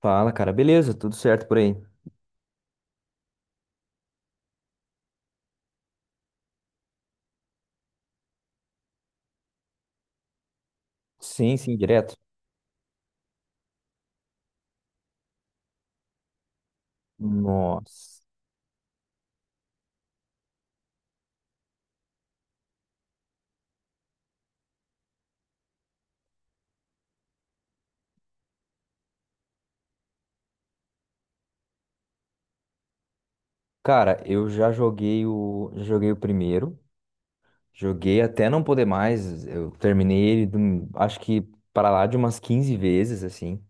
Fala, cara. Beleza, tudo certo por aí? Sim, sim, direto. Nossa. Cara, eu já joguei o primeiro. Joguei até não poder mais. Eu terminei ele, acho que para lá de umas 15 vezes, assim.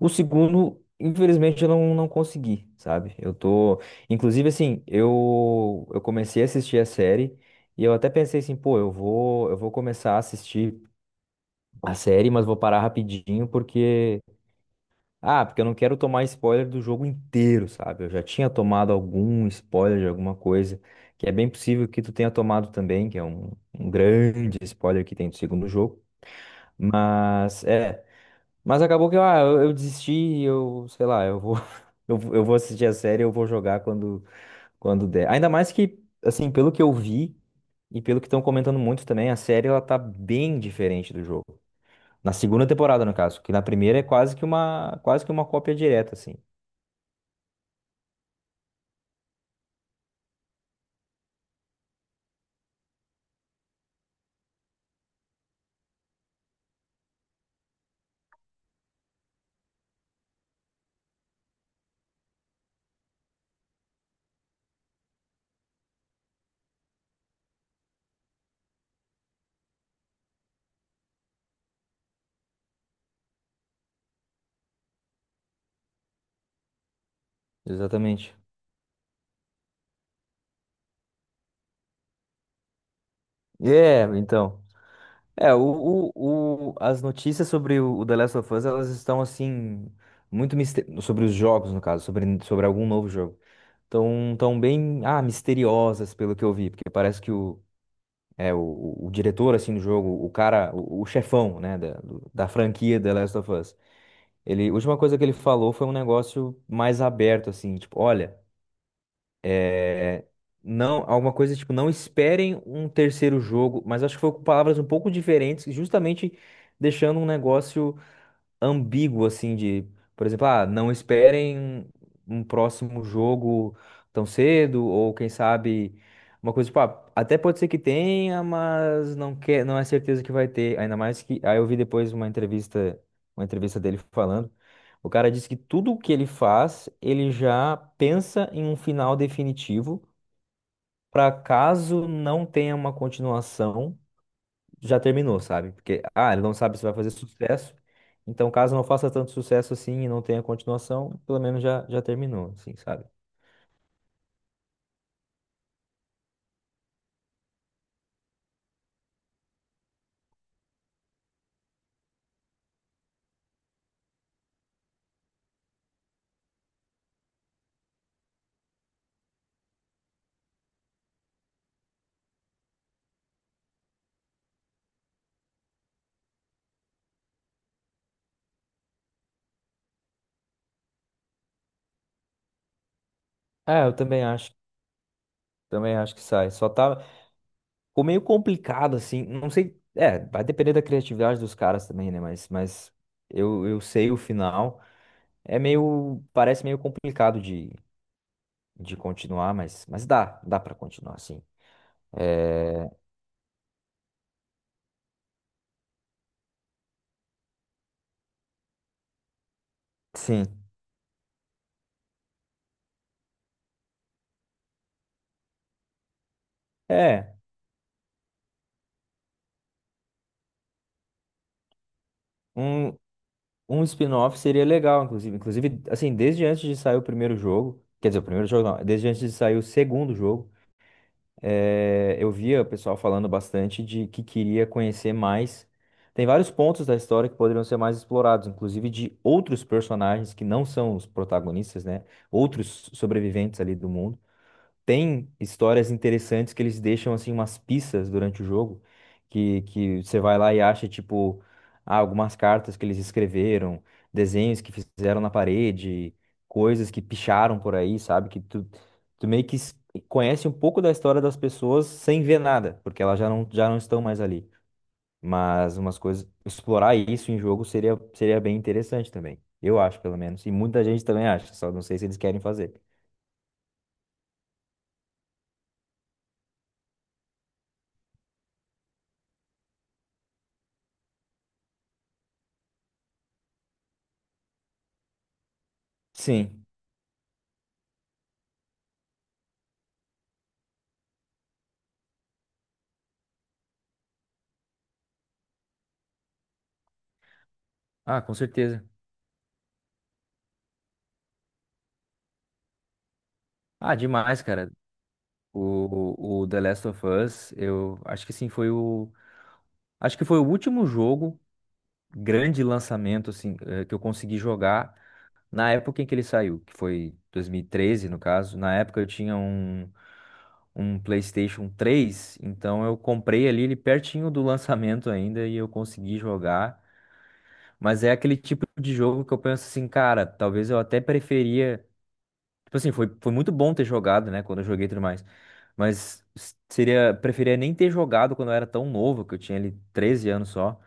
O segundo, infelizmente, eu não, não consegui, sabe? Eu tô. Inclusive, assim, eu comecei a assistir a série e eu até pensei assim, pô, eu vou começar a assistir a série, mas vou parar rapidinho porque. Ah, porque eu não quero tomar spoiler do jogo inteiro, sabe? Eu já tinha tomado algum spoiler de alguma coisa, que é bem possível que tu tenha tomado também, que é um grande spoiler que tem do segundo jogo. Mas, é. Mas acabou que eu desisti, e eu, sei lá, eu vou, eu vou assistir a série, eu vou jogar quando, quando der. Ainda mais que, assim, pelo que eu vi e pelo que estão comentando muito também, a série ela tá bem diferente do jogo. Na segunda temporada, no caso, que na primeira é quase que uma cópia direta, assim. Exatamente. É, então. É, as notícias sobre o The Last of Us, elas estão assim, muito mister... sobre os jogos, no caso, sobre, sobre algum novo jogo. Estão tão bem, misteriosas, pelo que eu vi, porque parece que o diretor, assim, do jogo, o cara, o chefão, né, da franquia The Last of Us, ele, a última coisa que ele falou foi um negócio mais aberto, assim, tipo, olha. É, não, alguma coisa tipo, não esperem um terceiro jogo, mas acho que foi com palavras um pouco diferentes, justamente deixando um negócio ambíguo, assim, de, por exemplo, não esperem um próximo jogo tão cedo, ou quem sabe, uma coisa, tipo, ah, até pode ser que tenha, mas não quer, não é certeza que vai ter, ainda mais que, aí eu vi depois uma entrevista dele falando, o cara disse que tudo o que ele faz, ele já pensa em um final definitivo, para caso não tenha uma continuação, já terminou, sabe? Porque, ah, ele não sabe se vai fazer sucesso. Então, caso não faça tanto sucesso assim e não tenha continuação, pelo menos já, já terminou, assim, sabe? Ah, eu também acho que sai. Só tá, ficou meio complicado, assim, não sei, é, vai depender da criatividade dos caras também, né? Mas eu sei o final. É meio, parece meio complicado de continuar, mas dá, dá pra continuar, sim. É, sim. É, um, Um spin-off seria legal, inclusive. Inclusive, assim, desde antes de sair o primeiro jogo, quer dizer, o primeiro jogo não, desde antes de sair o segundo jogo, eu via o pessoal falando bastante de que queria conhecer mais. Tem vários pontos da história que poderiam ser mais explorados, inclusive de outros personagens que não são os protagonistas, né? Outros sobreviventes ali do mundo tem histórias interessantes que eles deixam assim umas pistas durante o jogo que você vai lá e acha tipo ah, algumas cartas que eles escreveram, desenhos que fizeram na parede, coisas que picharam por aí, sabe? Que tu, tu meio que s- conhece um pouco da história das pessoas sem ver nada, porque elas já não estão mais ali. Mas umas coisas, explorar isso em jogo seria, seria bem interessante também. Eu acho, pelo menos. E muita gente também acha, só não sei se eles querem fazer. Sim. Ah, com certeza. Ah, demais, cara. O The Last of Us, eu acho que assim foi o, acho que foi o último jogo grande lançamento assim que eu consegui jogar na época em que ele saiu, que foi 2013, no caso. Na época eu tinha um, um PlayStation três, então eu comprei ali ele pertinho do lançamento ainda e eu consegui jogar. Mas é aquele tipo de jogo que eu penso assim, cara, talvez eu até preferia Tipo assim, foi, foi muito bom ter jogado, né? Quando eu joguei e tudo mais. Mas seria, preferia nem ter jogado quando eu era tão novo, que eu tinha ali 13 anos só.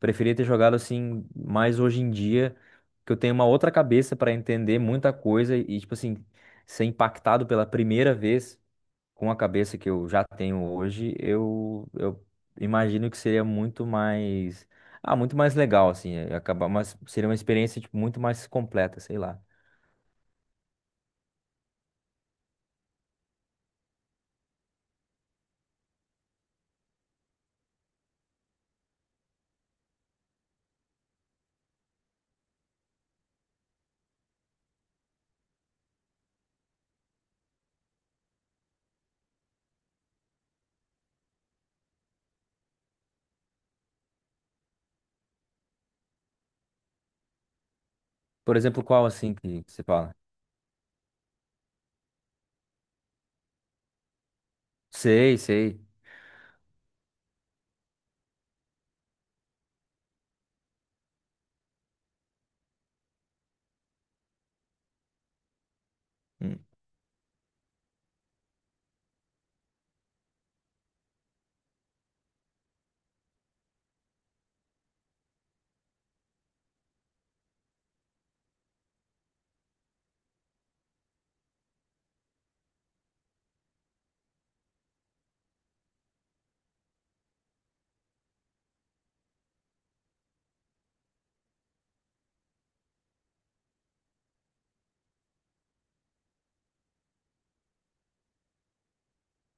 Preferia ter jogado assim, mais hoje em dia, que eu tenho uma outra cabeça pra entender muita coisa e, tipo assim, ser impactado pela primeira vez com a cabeça que eu já tenho hoje, eu imagino que seria muito mais. Ah, muito mais legal, assim. Acabar, mas seria uma experiência, tipo, muito mais completa, sei lá. Por exemplo, qual assim que você fala? Sei, sei. Hum.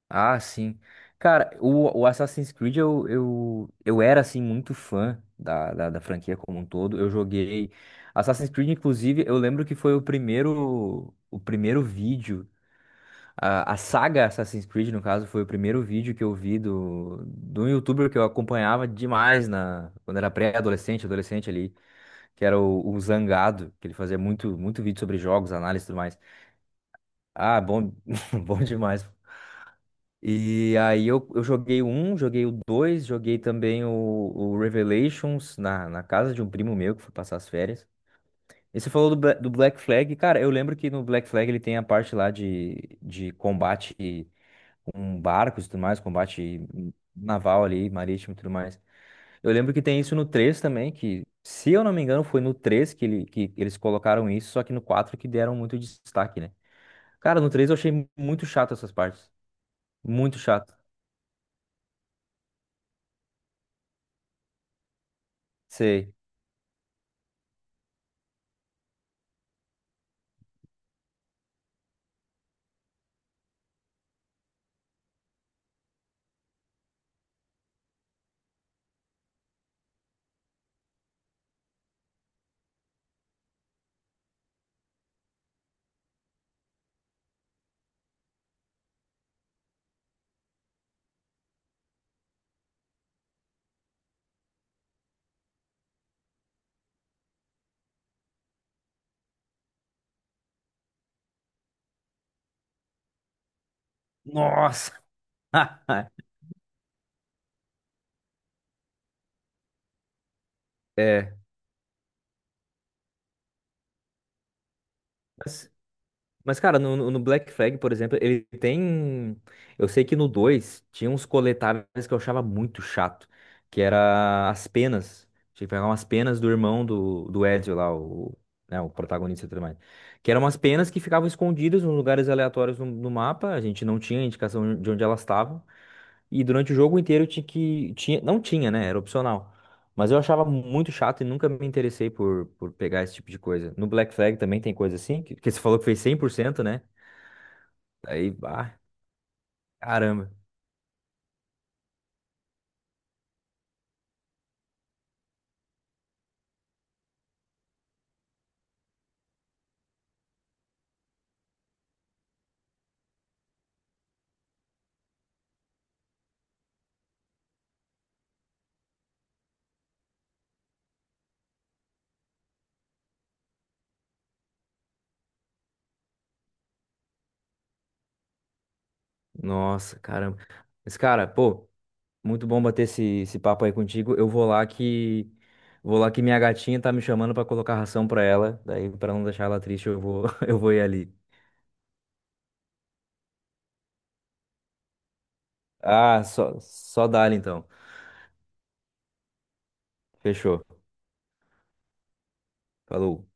Ah, sim. Cara, o Assassin's Creed eu era assim muito fã da franquia como um todo. Eu joguei Assassin's Creed, inclusive, eu lembro que foi o primeiro vídeo. A saga Assassin's Creed, no caso, foi o primeiro vídeo que eu vi do, do youtuber que eu acompanhava demais na, quando era pré-adolescente, adolescente ali, que era o Zangado, que ele fazia muito, muito vídeo sobre jogos, análise e tudo mais. Ah, bom, bom demais. E aí eu joguei o 1, joguei o 2, joguei também o Revelations na casa de um primo meu que foi passar as férias. E você falou do, do Black Flag. Cara, eu lembro que no Black Flag ele tem a parte lá de combate com barcos e tudo mais, combate naval ali, marítimo e tudo mais. Eu lembro que tem isso no 3 também, que se eu não me engano foi no 3 que, ele, que eles colocaram isso, só que no 4 que deram muito destaque, né? Cara, no 3 eu achei muito chato essas partes. Muito chato. Sei. Nossa! É. Mas, mas, cara, no Black Flag, por exemplo, ele tem. Eu sei que no 2 tinha uns coletáveis que eu achava muito chato, que era as penas. Tinha que pegar umas penas do irmão do Ezio lá, o, né, o protagonista e tudo mais. Que eram umas penas que ficavam escondidas em lugares aleatórios no mapa, a gente não tinha indicação de onde elas estavam. E durante o jogo inteiro eu tinha que. Tinha, não tinha, né? Era opcional. Mas eu achava muito chato e nunca me interessei por pegar esse tipo de coisa. No Black Flag também tem coisa assim, que você falou que fez 100%, né? Aí, ah, caramba. Nossa, caramba. Mas, cara, pô, muito bom bater esse, esse papo aí contigo. Eu vou lá que. Vou lá que minha gatinha tá me chamando pra colocar ração pra ela. Daí, pra não deixar ela triste, eu vou, eu vou ir ali. Ah, só, só dá então. Fechou. Falou.